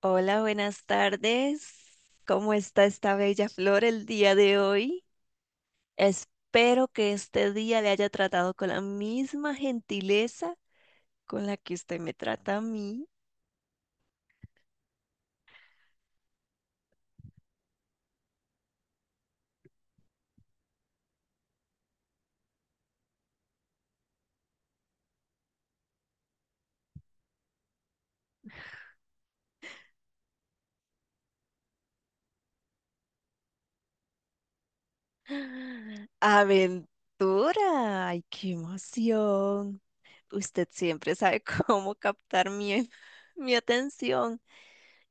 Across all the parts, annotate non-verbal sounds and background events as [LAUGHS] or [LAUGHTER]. Hola, buenas tardes. ¿Cómo está esta bella flor el día de hoy? Espero que este día le haya tratado con la misma gentileza con la que usted me trata a mí. ¡Aventura! ¡Ay, qué emoción! Usted siempre sabe [LAUGHS] cómo captar [LAUGHS] mi atención.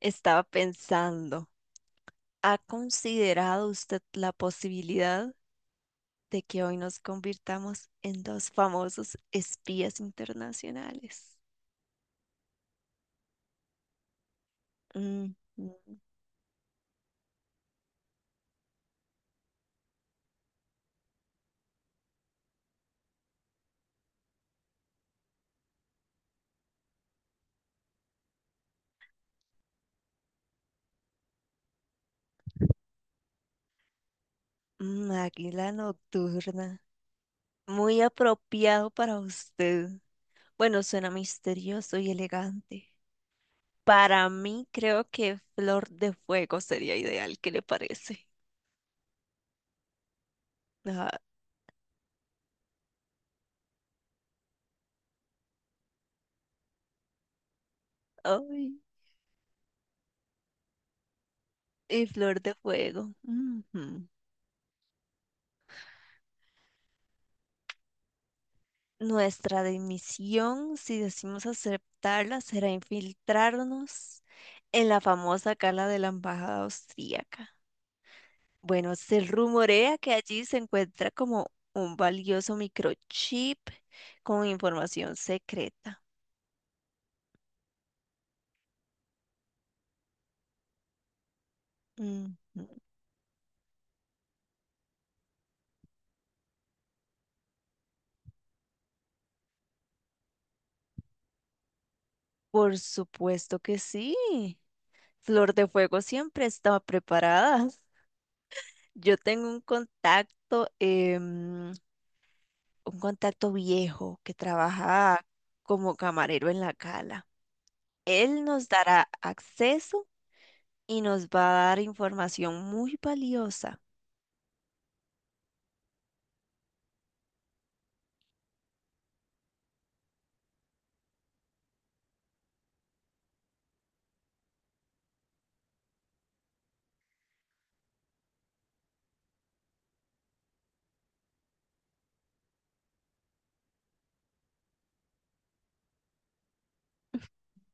Estaba pensando. ¿Ha considerado usted la posibilidad de que hoy nos convirtamos en dos famosos espías internacionales? Mm, mm, águila nocturna. Muy apropiado para usted. Bueno, suena misterioso y elegante. Para mí, creo que Flor de Fuego sería ideal. ¿Qué le parece? Ah, ay, y Flor de Fuego. Ujú. Nuestra dimisión, si decimos aceptarla, será infiltrarnos en la famosa cala de la embajada austríaca. Bueno, se rumorea que allí se encuentra como un valioso microchip con información secreta. Ujú. Por supuesto que sí. Flor de Fuego siempre está preparada. [LAUGHS] Yo tengo un un contacto viejo que trabaja como camarero en la cala. Él nos dará acceso y nos va a dar información muy valiosa.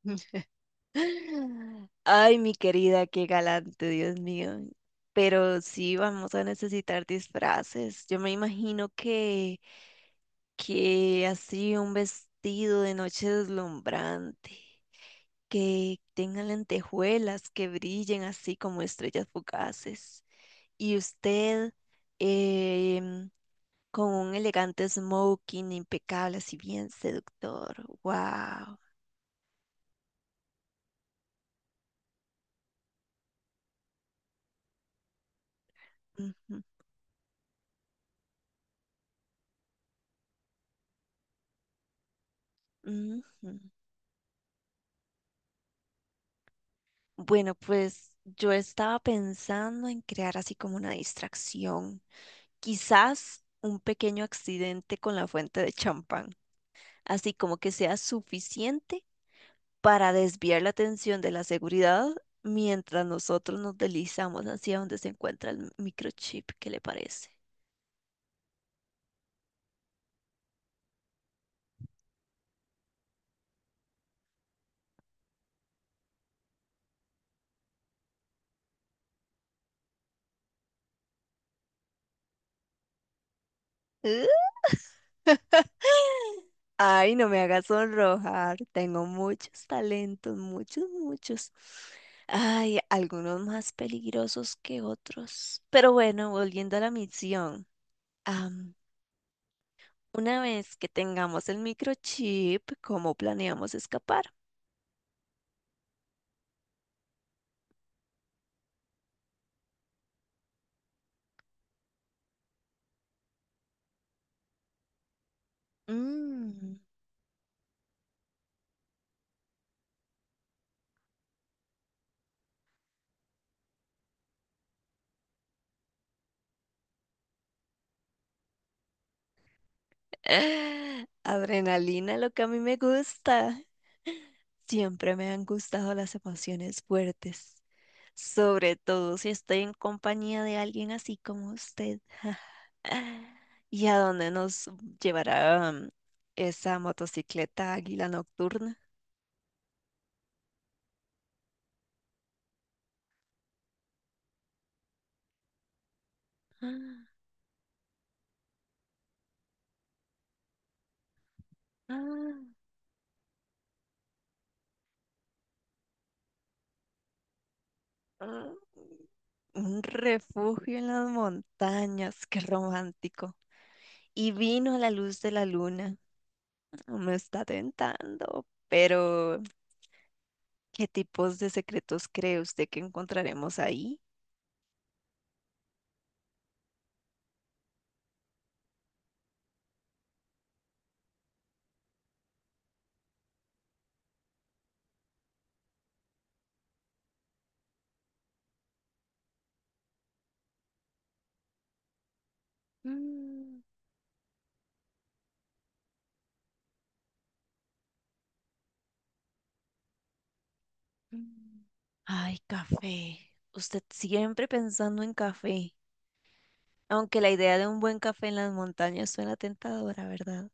[LAUGHS] Ay, mi querida, qué galante, Dios mío. Pero sí vamos a necesitar disfraces. Yo me imagino que así un vestido de noche deslumbrante, que tenga lentejuelas que brillen así como estrellas fugaces. Y usted, em, con un elegante smoking impecable, así bien seductor. Wow. Bueno, pues yo estaba pensando en crear así como una distracción, quizás un pequeño accidente con la fuente de champán, así como que sea suficiente para desviar la atención de la seguridad mientras nosotros nos deslizamos hacia donde se encuentra el microchip. ¿Qué le parece? [LAUGHS] Ay, no me hagas sonrojar. Tengo muchos talentos, muchos, muchos. Ay, algunos más peligrosos que otros. Pero bueno, volviendo a la misión. Am, una vez que tengamos el microchip, ¿cómo planeamos escapar? Mm, [LAUGHS] Adrenalina, lo que a mí me gusta. Siempre me han gustado las emociones fuertes, sobre todo si estoy en compañía de alguien así como usted. [SIGHS] ¿Y a dónde nos llevará esa motocicleta águila nocturna? [GASPS] Ah, ah, ah, un refugio en las montañas, qué romántico. Y vino a la luz de la luna. No me está tentando, pero ¿qué tipos de secretos cree usted que encontraremos ahí? Mm. Mm. Ay, café. Usted siempre pensando en café. Aunque la idea de un buen café en las montañas suena tentadora, ¿verdad?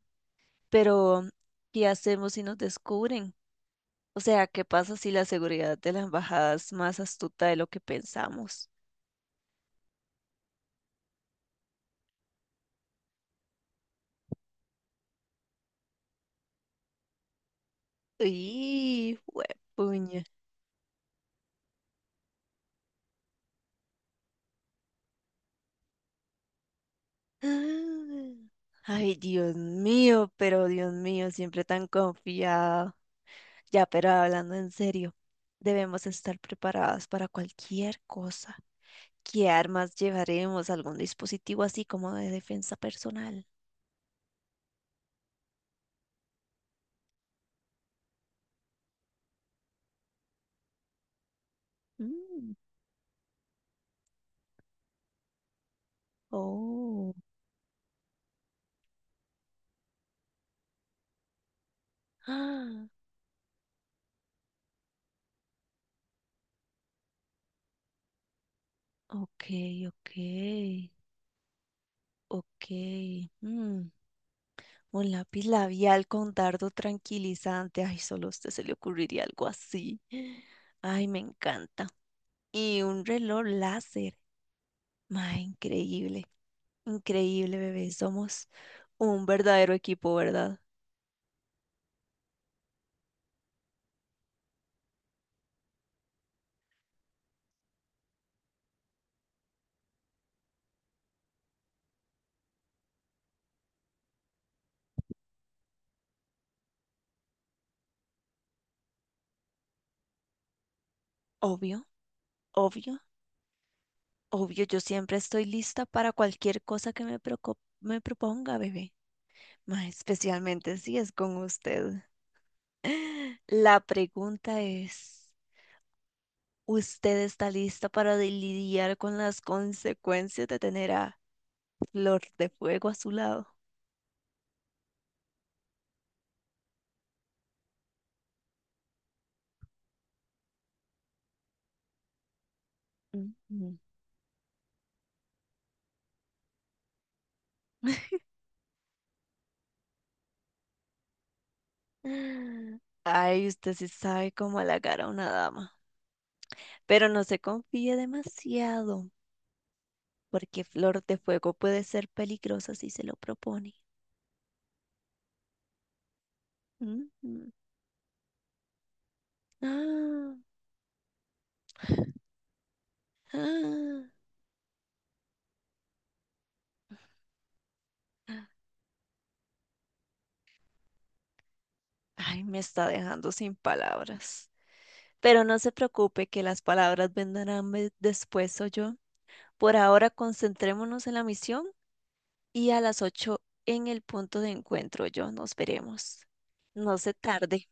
Pero, ¿qué hacemos si nos descubren? O sea, ¿qué pasa si la seguridad de la embajada es más astuta de lo que pensamos? ¡Uy, puña! [GASPS] Ay, Dios mío, pero Dios mío, siempre tan confiado. Ya, pero hablando en serio, debemos estar preparadas para cualquier cosa. ¿Qué armas llevaremos? ¿Algún dispositivo así como de defensa personal? Mm, oh. Ah, ok, ok, ok. mm, un lápiz labial con dardo tranquilizante. Ay, solo a usted se le ocurriría algo así. Ay, me encanta. Y un reloj láser. Ma, increíble, increíble, bebé. Somos un verdadero equipo, ¿verdad? Obvio, obvio. Obvio, yo siempre estoy lista para cualquier cosa que me proponga, bebé. Ma, especialmente si es con usted. [GASPS] [LAUGHS] La pregunta es, ¿usted está lista para lidiar con las consecuencias de tener a Flor de Fuego a su lado? Ujú. [LAUGHS] Ay, usted sí sabe cómo halagar a una dama, pero no se confíe demasiado, porque Flor de Fuego puede ser peligrosa si se lo propone. Ujú. Ah. Ah, ay, me está dejando sin palabras. Pero no se preocupe que las palabras vendrán después, o yo. Por ahora concentrémonos en la misión y a las 8 en el punto de encuentro, yo. Nos veremos. No se tarde.